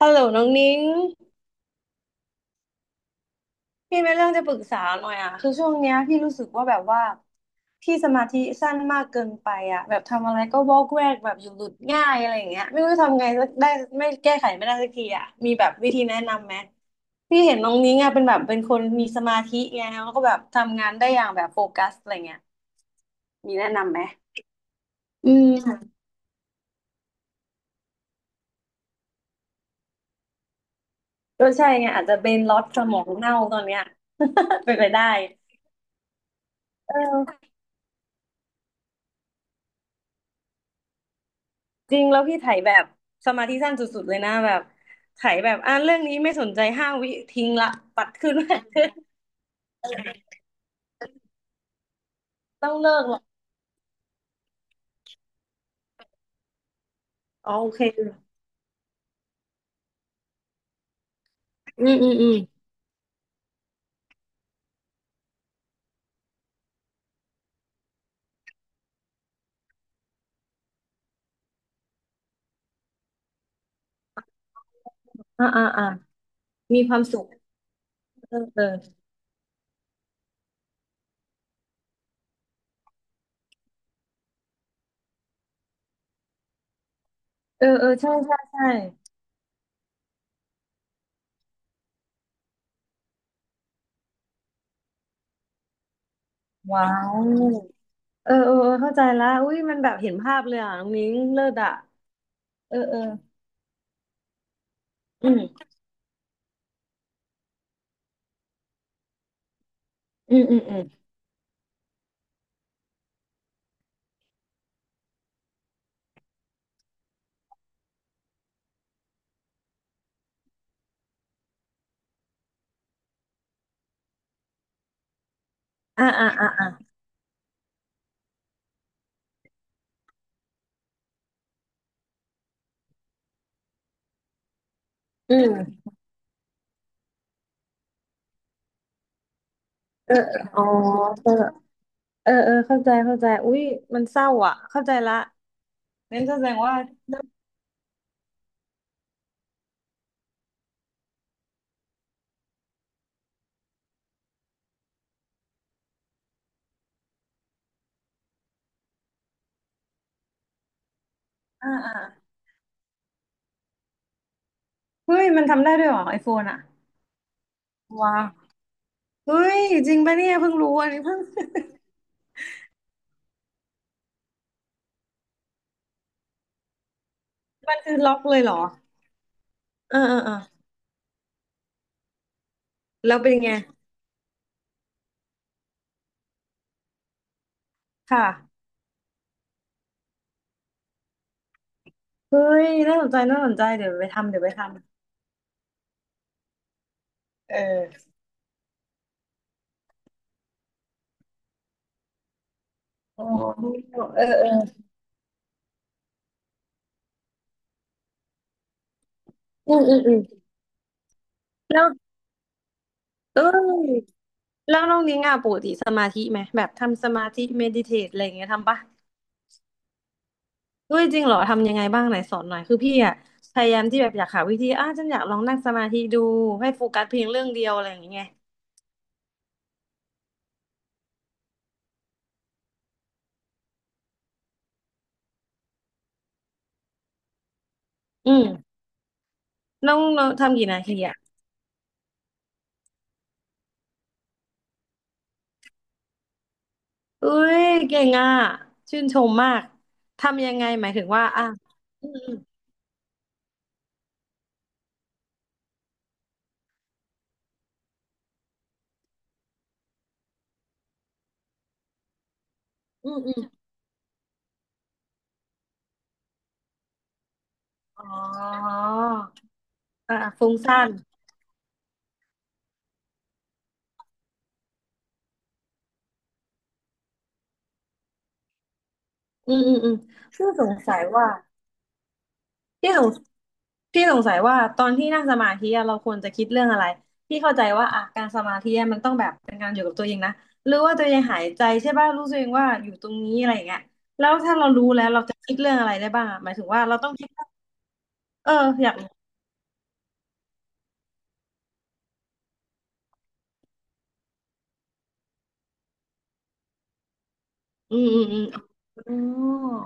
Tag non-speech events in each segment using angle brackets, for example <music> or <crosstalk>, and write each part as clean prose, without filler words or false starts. ฮัลโหลน้องนิ้งพี่มีเรื่องจะปรึกษาหน่อยอ่ะคือช่วงเนี้ยพี่รู้สึกว่าแบบว่าพี่สมาธิสั้นมากเกินไปอ่ะแบบทำอะไรก็วอกแวกแบบอยู่หลุดง่ายอะไรอย่างเงี้ยไม่รู้ทำไงสักได้ไม่แก้ไขไม่ได้สักทีอ่ะมีแบบวิธีแนะนำไหมพี่เห็นน้องนิ้งอ่ะเป็นแบบเป็นคนมีสมาธิไงแล้วก็แบบทำงานได้อย่างแบบโฟกัสอะไรเงี้ยมีแนะนำไหมอืมก็ใช่ไงอาจจะเป็นล็อตสมองเน่าตอนเนี้ย <laughs> เป็นไปได้เออ จริงแล้วพี่ไถแบบสมาธิสั้นสุดๆเลยนะแบบไถแบบอ่านเรื่องนี้ไม่สนใจห้าวิทิ้งละปัดขึ้น <laughs> ต้องเลิกละอ๋อโอเคอืมอืมอืมอ่าอ่าอ่ามีความสุขเออเออเออเออใช่ใช่ใช่ว้าวเออเออเออเข้าใจละอุ้ยมันแบบเห็นภาพเลยอ่ะน้องนิ้งเลิศอ่ะเออเอออืมอืมอืมอืมอ่าอ่าอ่าอ่าอืมเออเออ๋อเออเออเออเข้าใจเข้าใจอุ้ยมันเศร้าอ่ะเข้าใจละงั้นก็แสดงว่าอ่าอ่า เฮ้ยมันทำได้ด้วยเหรอไอโฟนอ่ะว้าวเฮ้ยจริงปะเนี่ยเพิ่งรู้อันนี้ <laughs> เพิ่ง <laughs> มันคือล็อกเลยเหรอเออเออเออแล้วเป็นไงค่ะเฮ้ยน่าสนใจน่าสนใจเดี๋ยวไปทำเดี๋ยวไปทำเออโอ้เออเอออืมอืมอืมแล้วเออแล้วน้องนิ้งอ่ะปกติสมาธิไหมแบบทำสมาธิเมดิเทตอะไรอย่างเงี้ยทำปะเฮ้ยจริงเหรอทำยังไงบ้างไหนสอนหน่อยคือพี่อ่ะพยายามที่แบบอยากหาวิธีอ่ะฉันอยากลองนั่งสมาธิดูให้โฟกัสเพียงเรื่องเดียวอะไรอย่างเงี้ยอืม น้องเราทำกี่นาทีอ่ะเอ้ยเก่งอ่ะชื่นชมมากทำยังไงหมายถึงว่าอ่ะอืมอืมอืมอมอ๋ออ่ะฟุ้งซ่านอืมอืมอืมพี่สงสัยว่าพี่สงพี่สงสัยว่าตอนที่นั่งสมาธิอะเราควรจะคิดเรื่องอะไรพี่เข้าใจว่าอ่ะการสมาธิอะมันต้องแบบเป็นการอยู่กับตัวเองนะหรือว่าตัวเองหายใจใช่ป่ะรู้ตัวเองว่าอยู่ตรงนี้อะไรอย่างเงี้ยแล้วถ้าเรารู้แล้วเราจะคิดเรื่องอะไรได้บ้างอะหมายถึงว่าเราต้องคิดว่าเอออยากรู้อืมอืมอืม อ๋อ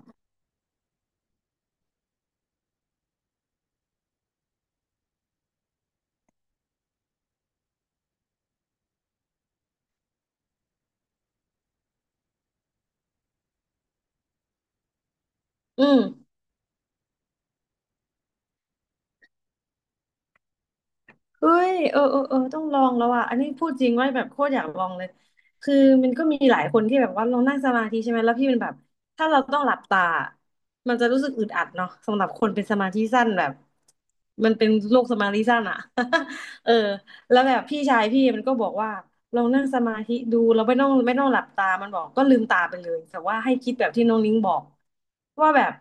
อืม เฮ้ยเออเออเออต้องลองแล้วอ่ะอันนี้พูดจริงว่าแบบโคตรอยากลองเลยคือมันก็มีหลายคนที่แบบว่าลองนั่งสมาธิใช่ไหมแล้วพี่เป็นแบบถ้าเราต้องหลับตามันจะรู้สึกอึดอัดเนาะสำหรับคนเป็นสมาธิสั้นแบบมันเป็นโรคสมาธิสั้นอ่ะ <laughs> เออแล้วแบบพี่ชายพี่มันก็บอกว่าลองนั่งสมาธิดูเราไม่ต้องหลับตามันบอกก็ลืมตาไปเลยแต่ว่าให้คิดแบบที่น้องนิ้งบอกว่าแบบ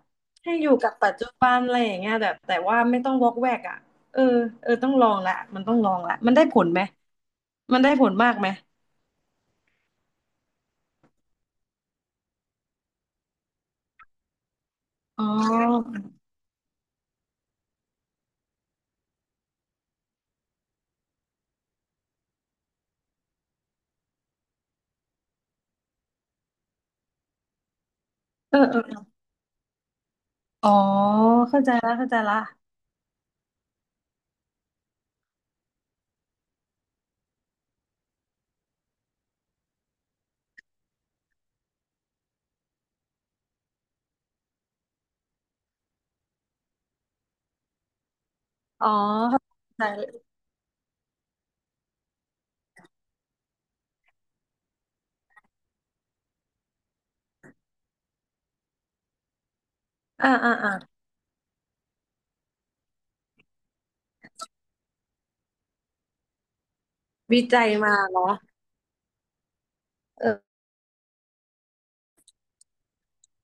ให้อยู่กับปัจจุบันอะไรอย่างเงี้ยแบบแต่ว่าไม่ต้องวอกแวกอ่ะ เออเออต้องลองละมันต้องลองละ มันได้ผลไหมมันได้ผลมากไหมอ๋อเออเออเอออ๋อเข้าใจละเข้าใจละอ๋อเข้าใจละอ่าอ่าอ่าวิจัยมาเหรอเออ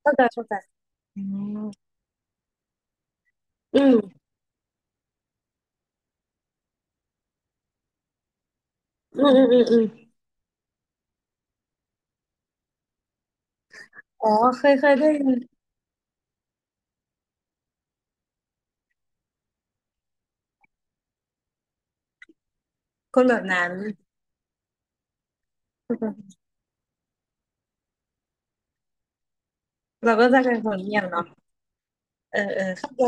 เข้าใจเข้าใจอืมอืมอืมอืมอืมอมอ๋อเคยเคยได้ยินคนแบบนั้นเราก็จะเป็นคนเงียบเนาะเออเออเข้าใจ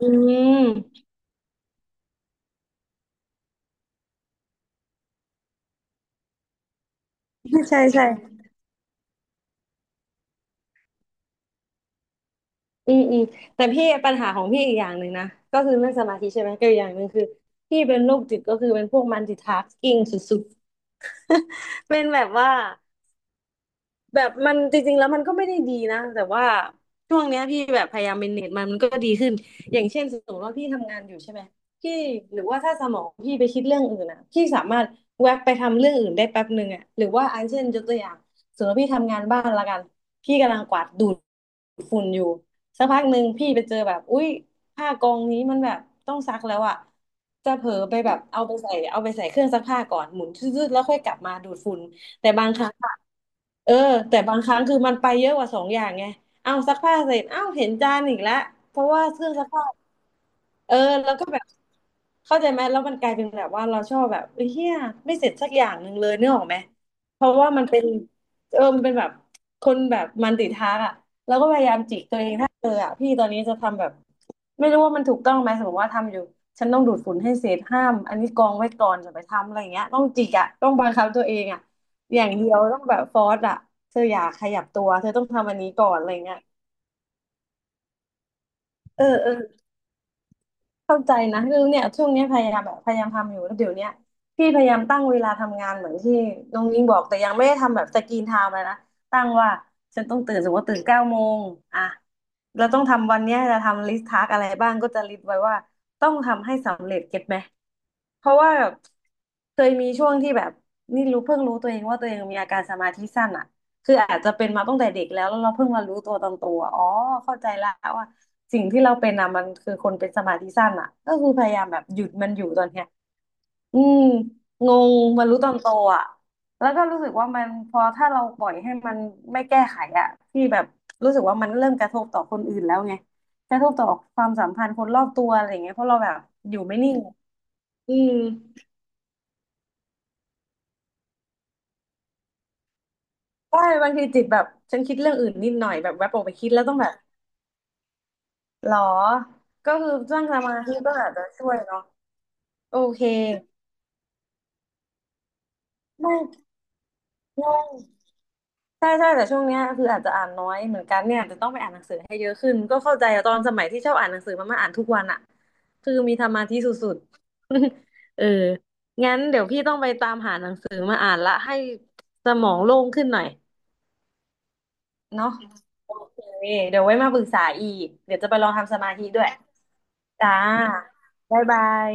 อืมใช่ใช่ อืมอืมแต่พี่ปัญหาของพี่อีกอย่างหนึ่งนะก็คือเรื่องสมาธิใช่ไหมก็อีกอย่างหนึ่งคือพี่เป็นโรคจิตก็คือเป็นพวกมัลติทาสกิ้งสุดๆเป็นแบบว่า แบบมันจริงๆแล้วมันก็ไม่ได้ดีนะแต่ว่าช่วงเนี้ยพี่แบบพยายามเมนเนจมันมันก็ดีขึ้นอย่างเช่นสมมติว่าพี่ทำงานอยู่ใช่ไหมพี่หรือว่าถ้าสมองพี่ไปคิดเรื่องอื่นอ่ะพี่สามารถแวบไปทำเรื่องอื่นได้แป๊บหนึ่งอ่ะหรือว่าอันเช่นยกตัวอย่างสมมติว่าพี่ทำงานบ้านละกันพี่กำลังกวาดดูดฝุ่นอยู่สักพักหนึ่งพี่ไปเจอแบบอุ๊ยผ้ากองนี้มันแบบต้องซักแล้วอ่ะจะเผลอไปแบบเอาไปใส่เครื่องซักผ้าก่อนหมุนชืดๆแล้วค่อยกลับมาดูดฝุ่น แต่บางครั้งอะเออแต่บางครั้งคือมันไปเยอะกว่าสองอย่างไงเอาซักผ้าเสร็จ เอ้าเห็นจานอีกแล้ว เพราะว่าเครื่องซักผ้า เออแล้วก็แบบเข้าใจไหมแล้วมันกลายเป็นแบบว่าเราชอบแบบเฮยเหียไม่เสร็จสักอย่างหนึ่งเลยนึกออกไหมเพราะว่ามันเป็นมันเป็นแบบคนแบบมันติดทักอ่ะแล้วก็พยายามจิกตัวเองถ้าอ่ะพี่ตอนนี้จะทำแบบไม่รู้ว่ามันถูกต้องไหมสมมติว่าทำอยู่ฉันต้องดูดฝุ่นให้เสร็จห้ามอันนี้กองไว้ก่อนจะไปทำอะไรอย่างเงี้ยต้องจิกอ่ะต้องบังคับตัวเองอ่ะอย่างเดียวต้องแบบฟอร์สอ่ะเธออย่าขยับตัวเธอต้องทำอันนี้ก่อนอะไรเงี้ยเออเออ เข้าใจนะคือเนี่ยช่วงเนี้ยพยายามแบบพยายามทำอยู่แล้วเดี๋ยวเนี้ยพี่พยายามตั้งเวลาทำงานเหมือนที่น้องนิ้งบอกแต่ยังไม่ได้ทำแบบสกรีนไทม์เลยนะตั้งว่าฉันต้องตื่นสมมติว่าตื่นเก้าโมงอ่ะเราต้องทำวันเนี้ยจะทำลิสต์ทาสอะไรบ้างก็จะลิสต์ไว้ว่าต้องทำให้สำเร็จเก็ตไหมเพราะว่าเคยมีช่วงที่แบบนี่รู้เพิ่งรู้ตัวเองว่าตัวเองมีอาการสมาธิสั้นอ่ะคืออาจจะเป็นมาตั้งแต่เด็กแล้วแล้วเราเพิ่งมารู้ตัวตอนโตอะอ๋อเข้าใจแล้วว่า สิ่งที่เราเป็นอ่ะมันคือคนเป็นสมาธิสั้นอ่ะก็คือพยายามแบบหยุดมันอยู่ตอนเนี้ยอืมงงมารู้ตอนโตอ่ะแล้วก็รู้สึกว่ามันพอถ้าเราปล่อยให้มันไม่แก้ไขอ่ะที่แบบรู้สึกว่ามันเริ่มกระทบต่อคนอื่นแล้วไงกระทบต่อความสัมพันธ์คนรอบตัวอะไรอย่างเงี้ยเพราะเราแบบอยู่ไม่นิ่งอืมใช่บางทีจิตแบบฉันคิดเรื่องอื่นนิดหน่อยแบบแวบออกไปคิดแล้วต้องแบบหรอก็คือสร้างสมาธิก็อาจจะช่วยเนาะโอเคไม่งง ใช่ใช่แต่ช่วงเนี้ยคืออาจจะอ่านน้อยเหมือนกันเนี่ยอาจจะต้องไปอ่านหนังสือให้เยอะขึ้นก็เข้าใจอะตอนสมัยที่ชอบอ่านหนังสือมันมาอ่านทุกวันอะคือมีธรรมาี่สุดๆ <laughs> เอองั้นเดี๋ยวพี่ต้องไปตามหาหนังสือมาอ่านละให้สมองโล่งขึ้นหน่อยเนาะโอเคเดี๋ยวไว้มาปรึกษาอีกเดี๋ยวจะไปลองทำสมาธิด้วยจ้าบ๊ายบาย